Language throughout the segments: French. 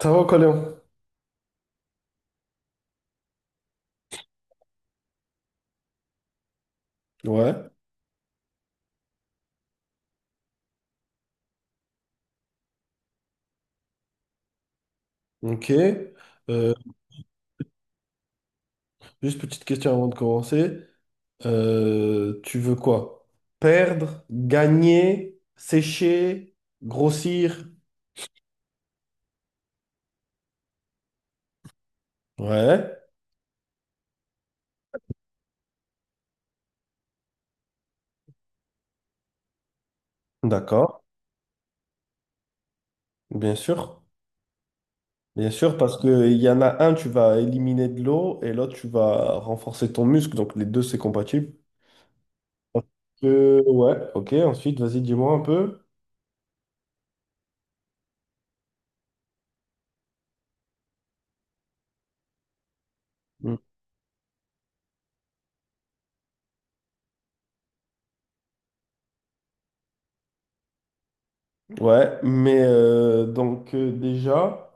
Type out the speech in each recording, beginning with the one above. Ça va, Colin? Ouais, ok. Euh, Juste petite question avant de commencer. Tu veux quoi? Perdre, gagner, sécher, grossir? Ouais, d'accord, bien sûr. Bien sûr, parce que il y en a un, tu vas éliminer de l'eau et l'autre, tu vas renforcer ton muscle. Donc les deux, c'est compatible. Ouais, ok. Ensuite, vas-y, dis-moi un peu. Mm. Ouais, mais donc déjà.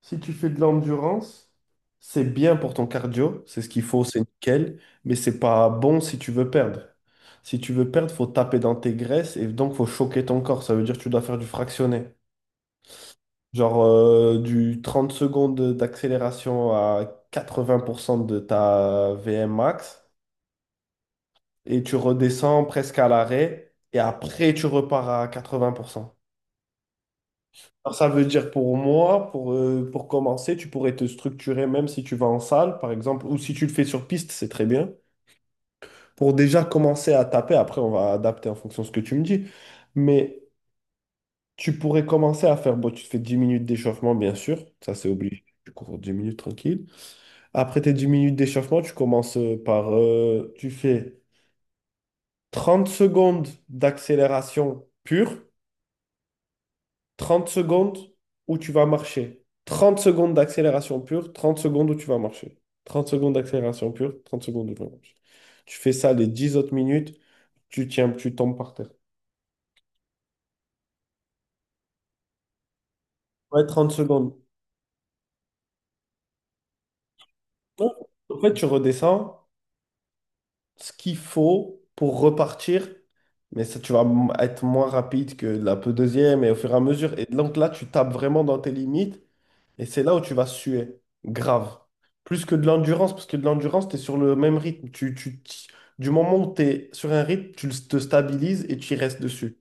Si tu fais de l'endurance, c'est bien pour ton cardio, c'est ce qu'il faut, c'est nickel, mais c'est pas bon si tu veux perdre. Si tu veux perdre, faut taper dans tes graisses et donc faut choquer ton corps. Ça veut dire que tu dois faire du fractionné. Genre du 30 secondes d'accélération à 80% de ta VM max et tu redescends presque à l'arrêt et après tu repars à 80%. Alors, ça veut dire pour moi, pour commencer, tu pourrais te structurer même si tu vas en salle, par exemple, ou si tu le fais sur piste, c'est très bien. Pour déjà commencer à taper, après on va adapter en fonction de ce que tu me dis. Mais tu pourrais commencer à faire, bon, tu te fais 10 minutes d'échauffement, bien sûr, ça c'est obligé. Tu cours 10 minutes tranquille. Après tes 10 minutes d'échauffement, tu commences tu fais 30 secondes d'accélération pure. 30 secondes où tu vas marcher. 30 secondes d'accélération pure, trente secondes où tu vas marcher. 30 secondes d'accélération pure, trente secondes où tu vas marcher. Tu fais ça les 10 autres minutes, tu tiens, tu tombes par terre. Ouais, 30 secondes. En fait, tu redescends ce qu'il faut pour repartir, mais ça, tu vas être moins rapide que la peu deuxième et au fur et à mesure. Et donc là, tu tapes vraiment dans tes limites. Et c'est là où tu vas suer, grave. Plus que de l'endurance, parce que de l'endurance, tu es sur le même rythme. Du moment où tu es sur un rythme, te stabilises et tu y restes dessus.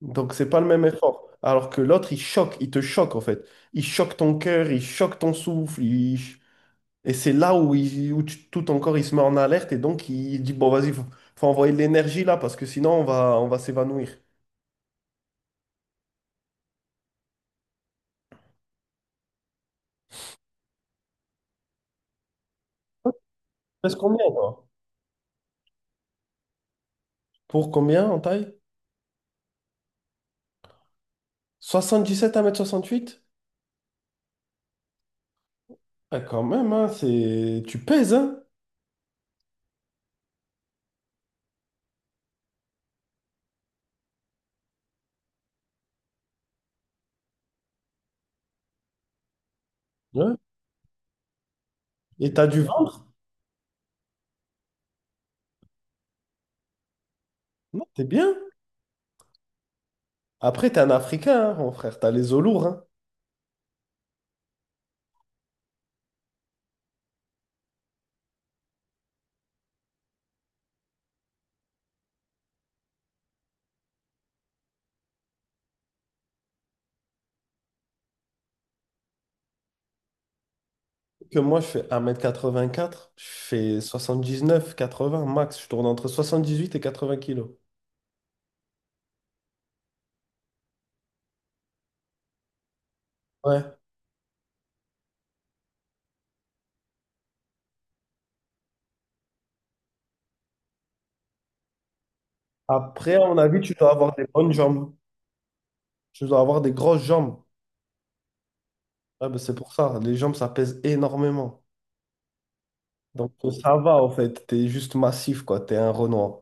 Donc, c'est pas le même effort. Alors que l'autre, il choque, il te choque en fait. Il choque ton cœur, il choque ton souffle. Et c'est là où, où tout ton corps, il se met en alerte et donc il dit, bon, vas-y, faut envoyer de l'énergie là, parce que sinon, on va s'évanouir. Pèse combien, toi? Pour combien en taille? 77 à 1,68 m. Ah, quand même, hein, tu pèses, hein? Ouais. Et t'as du ventre? Non, t'es bien. Après, t'es un Africain, hein, mon frère, t'as les os lourds, hein. Que moi, je fais 1,84 m, je fais 79 80 max, je tourne entre 78 et 80 kilos. Ouais. Après, à mon avis, tu dois avoir des bonnes jambes. Tu dois avoir des grosses jambes. Ouais, ben, c'est pour ça, les jambes, ça pèse énormément. Donc, ça va, en fait, t'es juste massif, quoi, t'es un Renoir.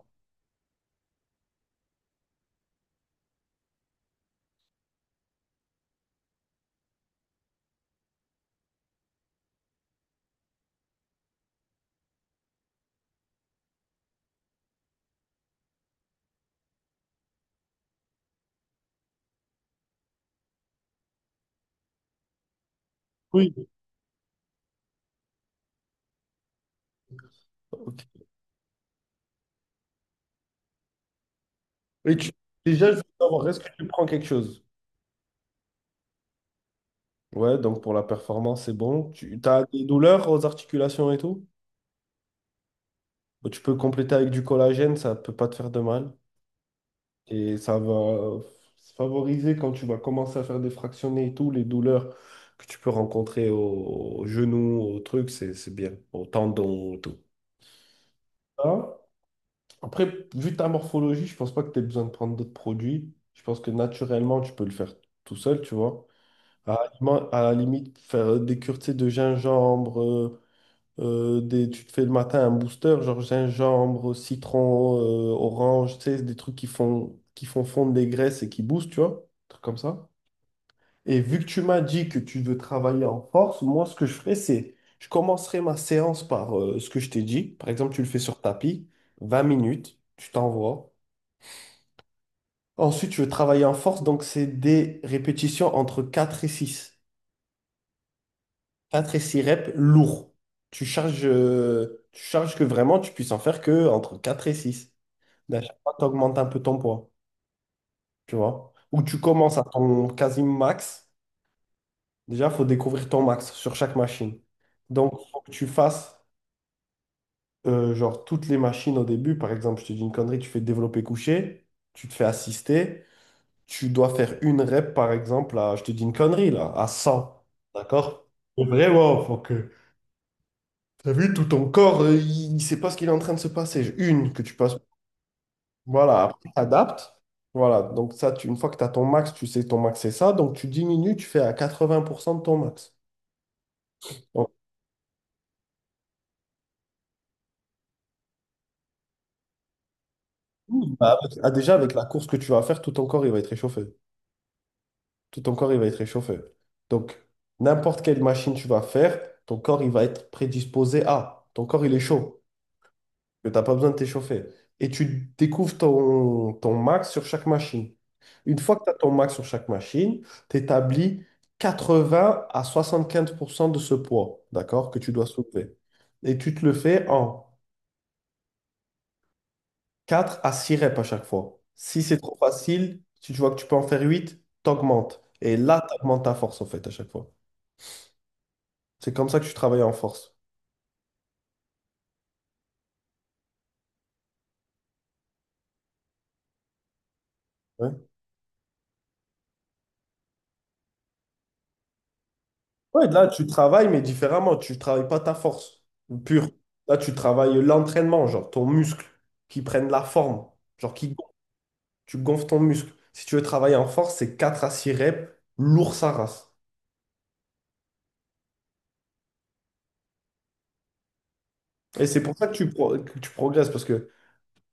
Oui. Ok. Et déjà, je veux savoir, est-ce que tu prends quelque chose? Ouais, donc pour la performance, c'est bon. Tu as des douleurs aux articulations et tout? Bah, tu peux compléter avec du collagène, ça peut pas te faire de mal. Et ça va favoriser quand tu vas commencer à faire des fractionnés et tout, les douleurs que tu peux rencontrer au genou, au truc, c'est bien, au tendon, au tout. Ah, après, vu ta morphologie, je pense pas que tu aies besoin de prendre d'autres produits. Je pense que naturellement, tu peux le faire tout seul, tu vois. À la limite, faire des cures, tu sais, de gingembre. Tu te fais le matin un booster, genre gingembre, citron, orange, tu sais, des trucs qui font fondre des graisses et qui boostent, tu vois, des trucs comme ça. Et vu que tu m'as dit que tu veux travailler en force, moi, ce que je ferais, c'est, je commencerai ma séance par ce que je t'ai dit. Par exemple, tu le fais sur tapis, 20 minutes, tu t'envoies. Ensuite, tu veux travailler en force, donc c'est des répétitions entre 4 et 6. 4 et 6 reps, lourds. Tu charges que vraiment tu puisses en faire que entre 4 et 6. À chaque fois, tu augmentes un peu ton poids, tu vois. Ou tu commences à ton quasi max. Déjà, il faut découvrir ton max sur chaque machine. Donc, il faut que tu fasses genre toutes les machines au début. Par exemple, je te dis une connerie, tu fais développer couché, tu te fais assister. Tu dois faire une rep, par exemple, à, je te dis une connerie, là, à 100. D'accord? Vraiment, faut que. T'as vu, tout ton corps, il ne sait pas ce qu'il est en train de se passer. Une que tu passes, voilà, après t'adaptes. Voilà, donc ça, une fois que tu as ton max, tu sais que ton max c'est ça, donc tu diminues, tu fais à 80% de ton max. Donc, bah, déjà, avec la course que tu vas faire, tout ton corps, il va être réchauffé. Tout ton corps, il va être réchauffé. Donc, n'importe quelle machine tu vas faire, ton corps, il va être prédisposé à. Ton corps, il est chaud. Que tu n'as pas besoin de t'échauffer. Et tu découvres ton max sur chaque machine. Une fois que tu as ton max sur chaque machine, tu établis 80 à 75% de ce poids, d'accord, que tu dois soulever. Et tu te le fais en 4 à 6 reps à chaque fois. Si c'est trop facile, si tu vois que tu peux en faire 8, t'augmentes. Et là, tu augmentes ta force, en fait, à chaque fois. C'est comme ça que tu travailles en force. Ouais. Ouais, là, tu travailles, mais différemment. Tu travailles pas ta force pure. Là, tu travailles l'entraînement, genre ton muscle, qui prenne la forme, genre qui gonfle. Tu gonfles ton muscle. Si tu veux travailler en force, c'est 4 à 6 reps, lourd sa race. Et c'est pour ça que tu progresses, parce que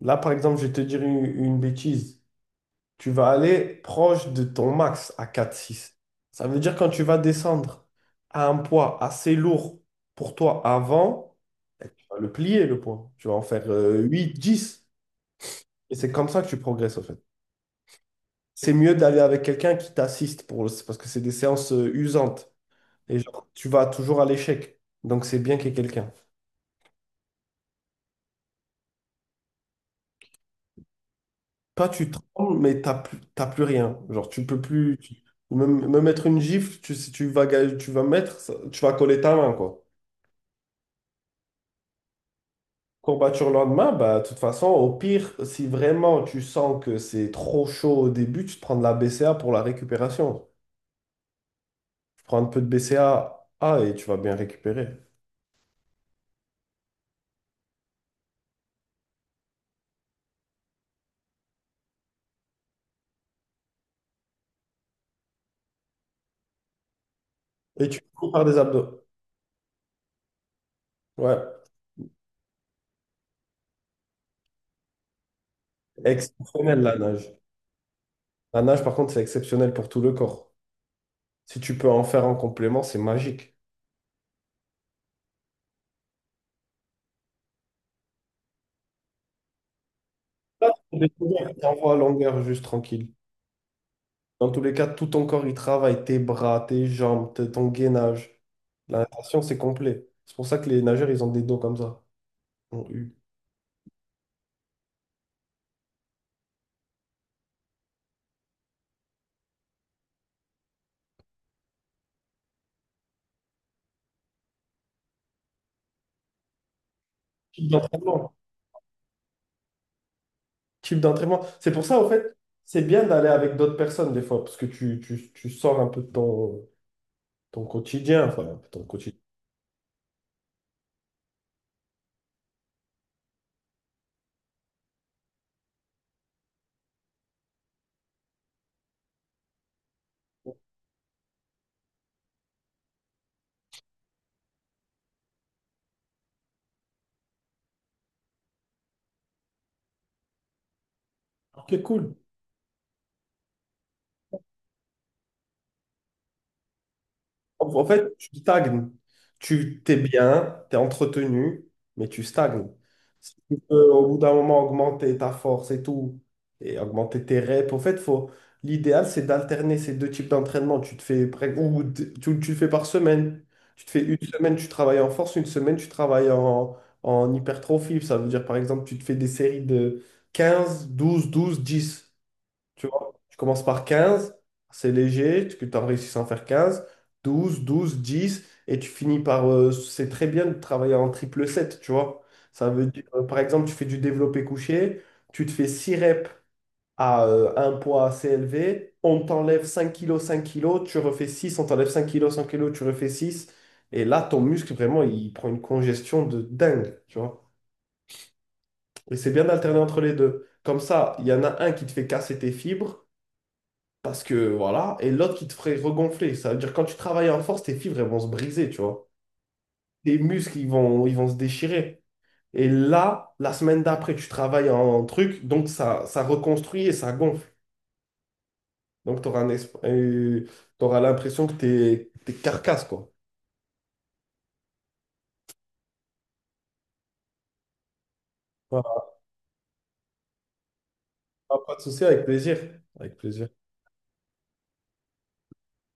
là, par exemple, je vais te dire une bêtise. Tu vas aller proche de ton max à 4 6. Ça veut dire quand tu vas descendre à un poids assez lourd pour toi avant, tu vas le plier le poids. Tu vas en faire 8 10. Et c'est comme ça que tu progresses en fait. C'est mieux d'aller avec quelqu'un qui t'assiste parce que c'est des séances usantes. Et genre, tu vas toujours à l'échec. Donc c'est bien qu'il y ait quelqu'un. Toi, tu trembles, mais t'as plus rien. Genre, tu peux plus. Me mettre une gifle, si tu vas, tu vas mettre, tu vas coller ta main, quoi. Courbature le lendemain, bah, de toute façon, au pire, si vraiment tu sens que c'est trop chaud au début, tu te prends de la BCA pour la récupération. Tu prends un peu de BCA, et tu vas bien récupérer. Et tu finis par des abdos. Ouais. Exceptionnel la nage. La nage, par contre, c'est exceptionnel pour tout le corps. Si tu peux en faire en complément, c'est magique. Là, tu fais des tu envoies à longueur juste tranquille. Dans tous les cas, tout ton corps, il travaille. Tes bras, tes jambes, ton gainage. La natation, c'est complet. C'est pour ça que les nageurs, ils ont des dos comme ça. En U. Type d'entraînement. Type d'entraînement. C'est pour ça, en fait, c'est bien d'aller avec d'autres personnes des fois, parce que tu sors un peu de ton, quotidien, enfin, ton quotidien. Ok, cool. En fait, tu stagnes. Tu t'es bien, t'es entretenu, mais tu stagnes. Si tu peux, au bout d'un moment, augmenter ta force et tout, et augmenter tes reps, en fait, faut. L'idéal, c'est d'alterner ces deux types d'entraînement. Tu te fais, tu le fais par semaine. Tu te fais une semaine, tu travailles en force, une semaine, tu travailles en hypertrophie. Ça veut dire, par exemple, tu te fais des séries de 15, 12, 12, 10. Tu vois, tu commences par 15, c'est léger, tu en réussis sans faire 15 12 12 10 et tu finis par. C'est très bien de travailler en triple 7, tu vois. Ça veut dire, par exemple, tu fais du développé couché, tu te fais 6 reps à un poids assez élevé, on t'enlève 5 kilos, 5 kilos, tu refais 6. On t'enlève 5 kilos, tu refais 6 et là, ton muscle, vraiment, il prend une congestion de dingue, tu vois. Et c'est bien d'alterner entre les deux. Comme ça, il y en a un qui te fait casser tes fibres, parce que voilà, et l'autre qui te ferait regonfler. Ça veut dire quand tu travailles en force, tes fibres elles vont se briser, tu vois. Tes muscles ils vont, se déchirer. Et là, la semaine d'après, tu travailles en truc, donc ça reconstruit et ça gonfle. Donc tu auras l'impression que t'es carcasse, quoi. Voilà. Pas de souci, avec plaisir. Avec plaisir.